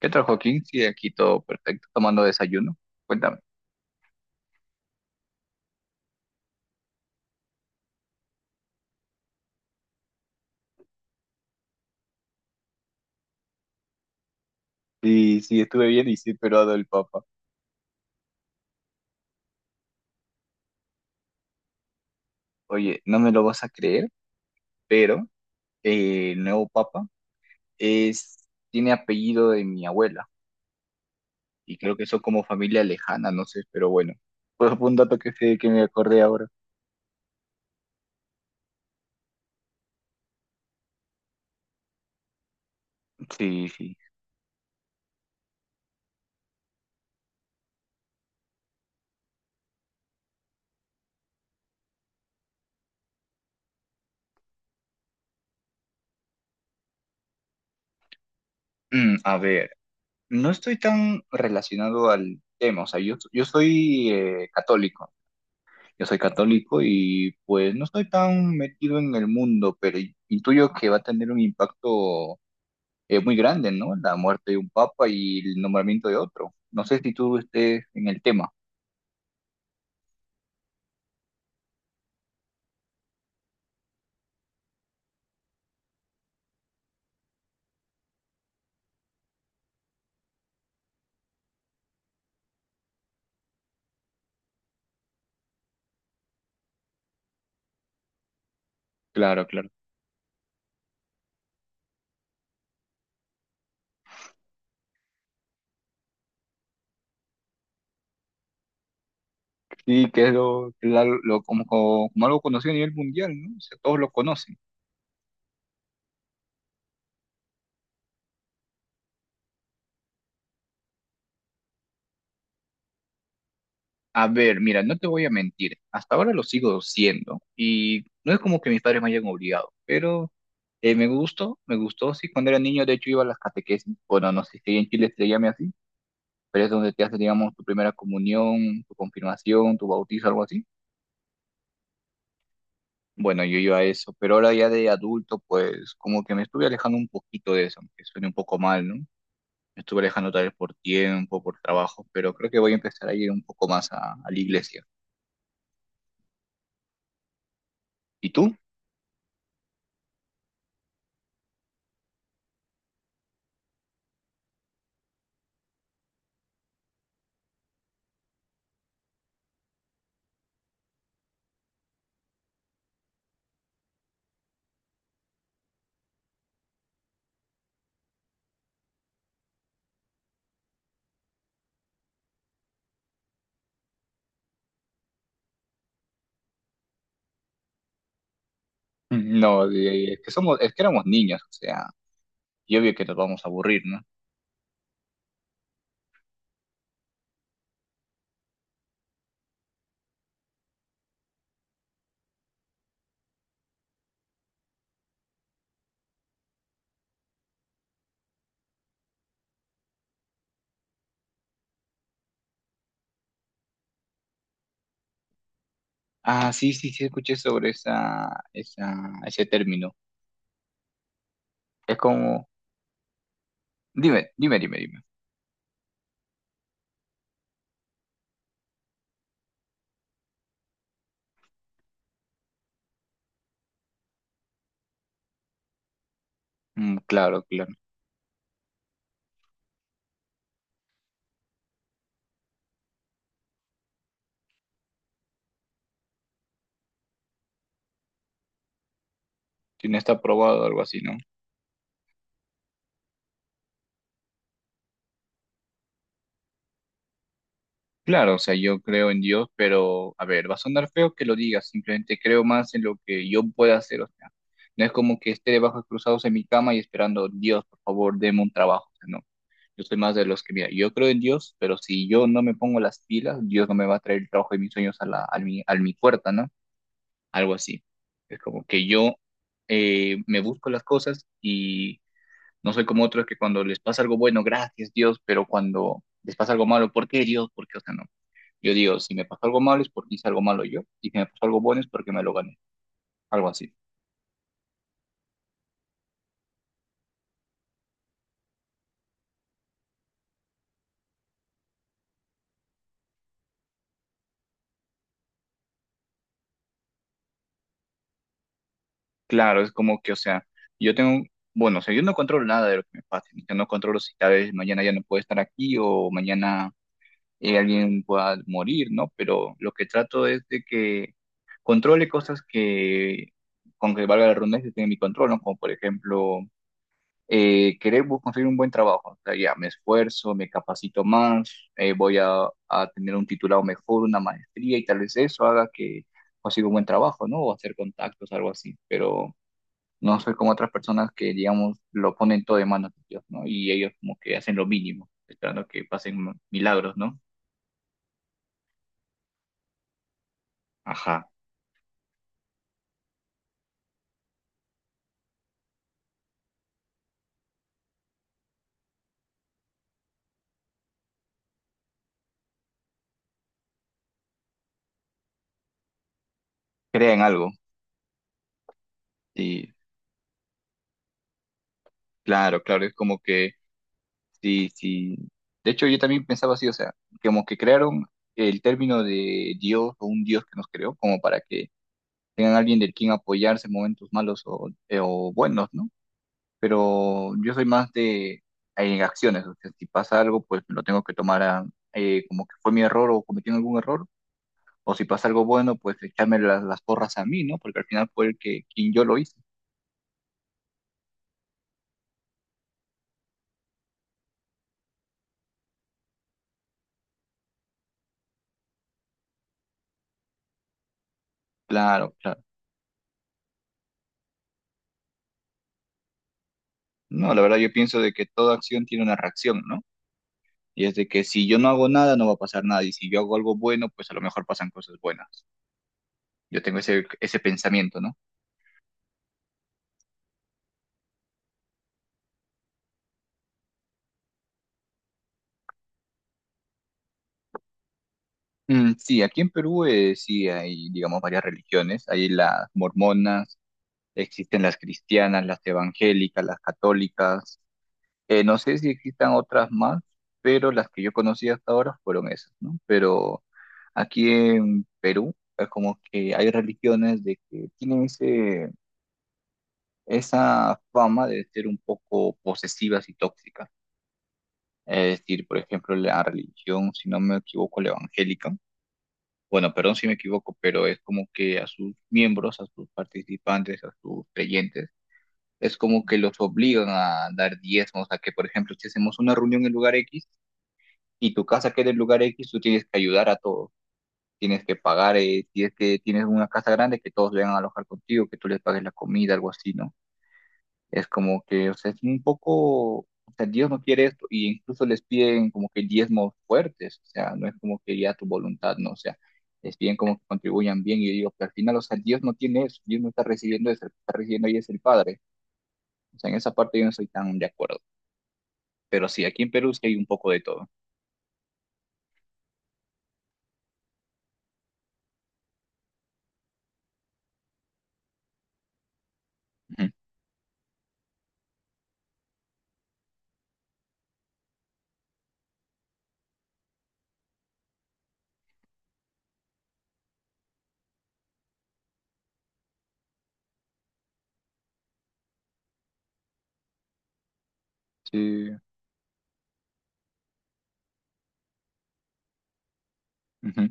¿Qué tal, Joaquín? Sí, aquí todo perfecto, tomando desayuno. Cuéntame. Sí, sí, estuve bien y sí, pero el Papa. Oye, no me lo vas a creer, pero el nuevo papa es, tiene apellido de mi abuela y creo que son como familia lejana, no sé, pero bueno. Pues fue un dato que, sé que me acordé ahora. Sí, sí. Mm, a ver, no estoy tan relacionado al tema, o sea, yo soy católico. Yo soy católico y pues no estoy tan metido en el mundo, pero intuyo que va a tener un impacto muy grande, ¿no? La muerte de un papa y el nombramiento de otro. No sé si tú estés en el tema. Claro, claro. Sí, que es lo, como, como algo conocido a nivel mundial, ¿no? O sea, todos lo conocen. A ver, mira, no te voy a mentir. Hasta ahora lo sigo siendo y no es como que mis padres me hayan obligado, pero me gustó, me gustó. Sí, cuando era niño, de hecho, iba a las catequesis. Bueno, no sé si en Chile se llame así, pero es donde te haces, digamos, tu primera comunión, tu confirmación, tu bautizo, algo así. Bueno, yo iba a eso, pero ahora ya de adulto, pues como que me estuve alejando un poquito de eso, aunque suene un poco mal, ¿no? Me estuve alejando tal vez por tiempo, por trabajo, pero creo que voy a empezar a ir un poco más a la iglesia. ¿Y tú? No, es que somos, es que éramos niños, o sea, y obvio que nos vamos a aburrir, ¿no? Ah, sí, sí, sí, escuché sobre esa, esa, ese término. Es como, dime, dime, dime, dime. Mm, claro, claro. Tiene, está aprobado, o algo así, ¿no? Claro, o sea, yo creo en Dios, pero a ver, va a sonar feo que lo digas, simplemente creo más en lo que yo pueda hacer, o sea, no es como que esté de brazos cruzados en mi cama y esperando, Dios, por favor, deme un trabajo, o sea, no, yo soy más de los que, mira, yo creo en Dios, pero si yo no me pongo las pilas, Dios no me va a traer el trabajo de mis sueños a la, a mi puerta, ¿no? Algo así. Es como que yo me busco las cosas y no soy como otros que cuando les pasa algo bueno, gracias Dios, pero cuando les pasa algo malo, ¿por qué Dios? ¿Por qué? O sea, no. Yo digo, si me pasó algo malo es porque hice algo malo yo, y si me pasó algo bueno es porque me lo gané, algo así. Claro, es como que, o sea, yo tengo, bueno, o sea, yo no controlo nada de lo que me pase, o sea, no controlo si tal vez mañana ya no puedo estar aquí o mañana alguien pueda morir, ¿no? Pero lo que trato es de que controle cosas que, con que valga la redundancia, estén en mi control, ¿no? Como por ejemplo querer conseguir un buen trabajo. O sea, ya me esfuerzo, me capacito más, voy a tener un titulado mejor, una maestría y tal vez eso haga que consiga un buen trabajo, ¿no? O hacer contactos, algo así. Pero no soy como otras personas que, digamos, lo ponen todo de manos de Dios, ¿no? Y ellos como que hacen lo mínimo, esperando que pasen milagros, ¿no? Ajá, crean algo. Sí, claro, claro, es como que sí, sí. De hecho, yo también pensaba así, o sea, como que crearon el término de Dios o un Dios que nos creó, como para que tengan alguien del quien apoyarse en momentos malos o buenos, ¿no? Pero yo soy más de en acciones, o sea, si pasa algo, pues lo tengo que tomar como que fue mi error o cometí algún error, o si pasa algo bueno, pues echarme las porras a mí, ¿no? Porque al final fue el que quien yo lo hice. Claro, claro. No, la verdad yo pienso de que toda acción tiene una reacción, ¿no? Y es de que si yo no hago nada, no va a pasar nada. Y si yo hago algo bueno, pues a lo mejor pasan cosas buenas. Yo tengo ese, ese pensamiento, ¿no? Mm, sí, aquí en Perú sí hay, digamos, varias religiones. Hay las mormonas, existen las cristianas, las evangélicas, las católicas. No sé si existan otras más, pero las que yo conocí hasta ahora fueron esas, ¿no? Pero aquí en Perú es como que hay religiones de que tienen ese, esa fama de ser un poco posesivas y tóxicas. Es decir, por ejemplo, la religión, si no me equivoco, la evangélica, bueno, perdón si me equivoco, pero es como que a sus miembros, a sus participantes, a sus creyentes, es como que los obligan a dar diezmos, a que, por ejemplo, si hacemos una reunión en lugar X y tu casa queda en lugar X, tú tienes que ayudar a todos. Tienes que pagar, si es que tienes una casa grande, que todos vengan a alojar contigo, que tú les pagues la comida, algo así, ¿no? Es como que, o sea, es un poco, o sea, Dios no quiere esto, y incluso les piden como que diezmos fuertes, o sea, no es como que ya tu voluntad, no, o sea, les piden como que contribuyan bien, y yo digo, pero al final, o sea, Dios no tiene eso, Dios no está recibiendo eso, el que está recibiendo ahí es el Padre, o sea, en esa parte yo no estoy tan de acuerdo, pero sí, aquí en Perú sí hay un poco de todo. Ujú. Sí, ujú.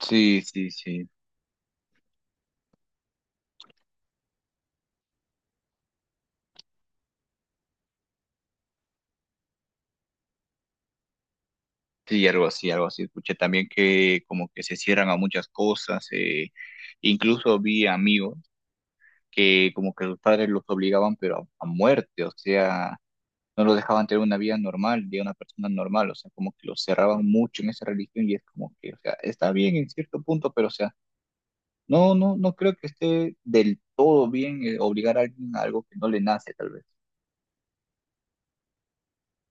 Sí, sí, sí, sí, algo así, escuché también que como que se cierran a muchas cosas, eh. Incluso vi amigos que como que sus padres los obligaban, pero a muerte, o sea, no los dejaban tener una vida normal, de una persona normal, o sea, como que los cerraban mucho en esa religión y es como que, o sea, está bien en cierto punto, pero o sea, no, no, no creo que esté del todo bien obligar a alguien a algo que no le nace, tal vez.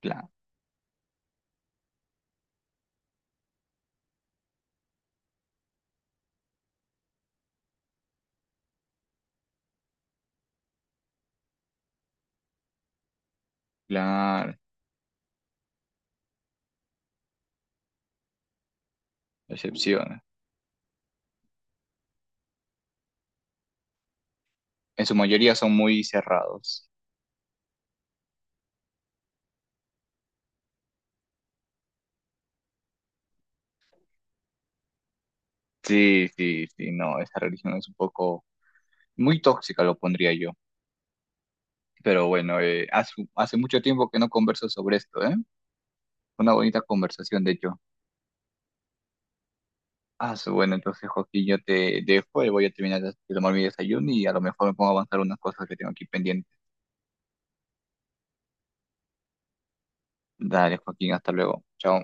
Claro, claro, excepciones. En su mayoría son muy cerrados. Sí, sí, sí, no, esa religión es un poco muy tóxica, lo pondría yo. Pero bueno, hace, hace mucho tiempo que no converso sobre esto, ¿eh? Una bonita conversación, de hecho. Ah, bueno, entonces, Joaquín, yo te dejo y voy a terminar de tomar mi desayuno y a lo mejor me pongo a avanzar unas cosas que tengo aquí pendientes. Dale, Joaquín, hasta luego. Chao.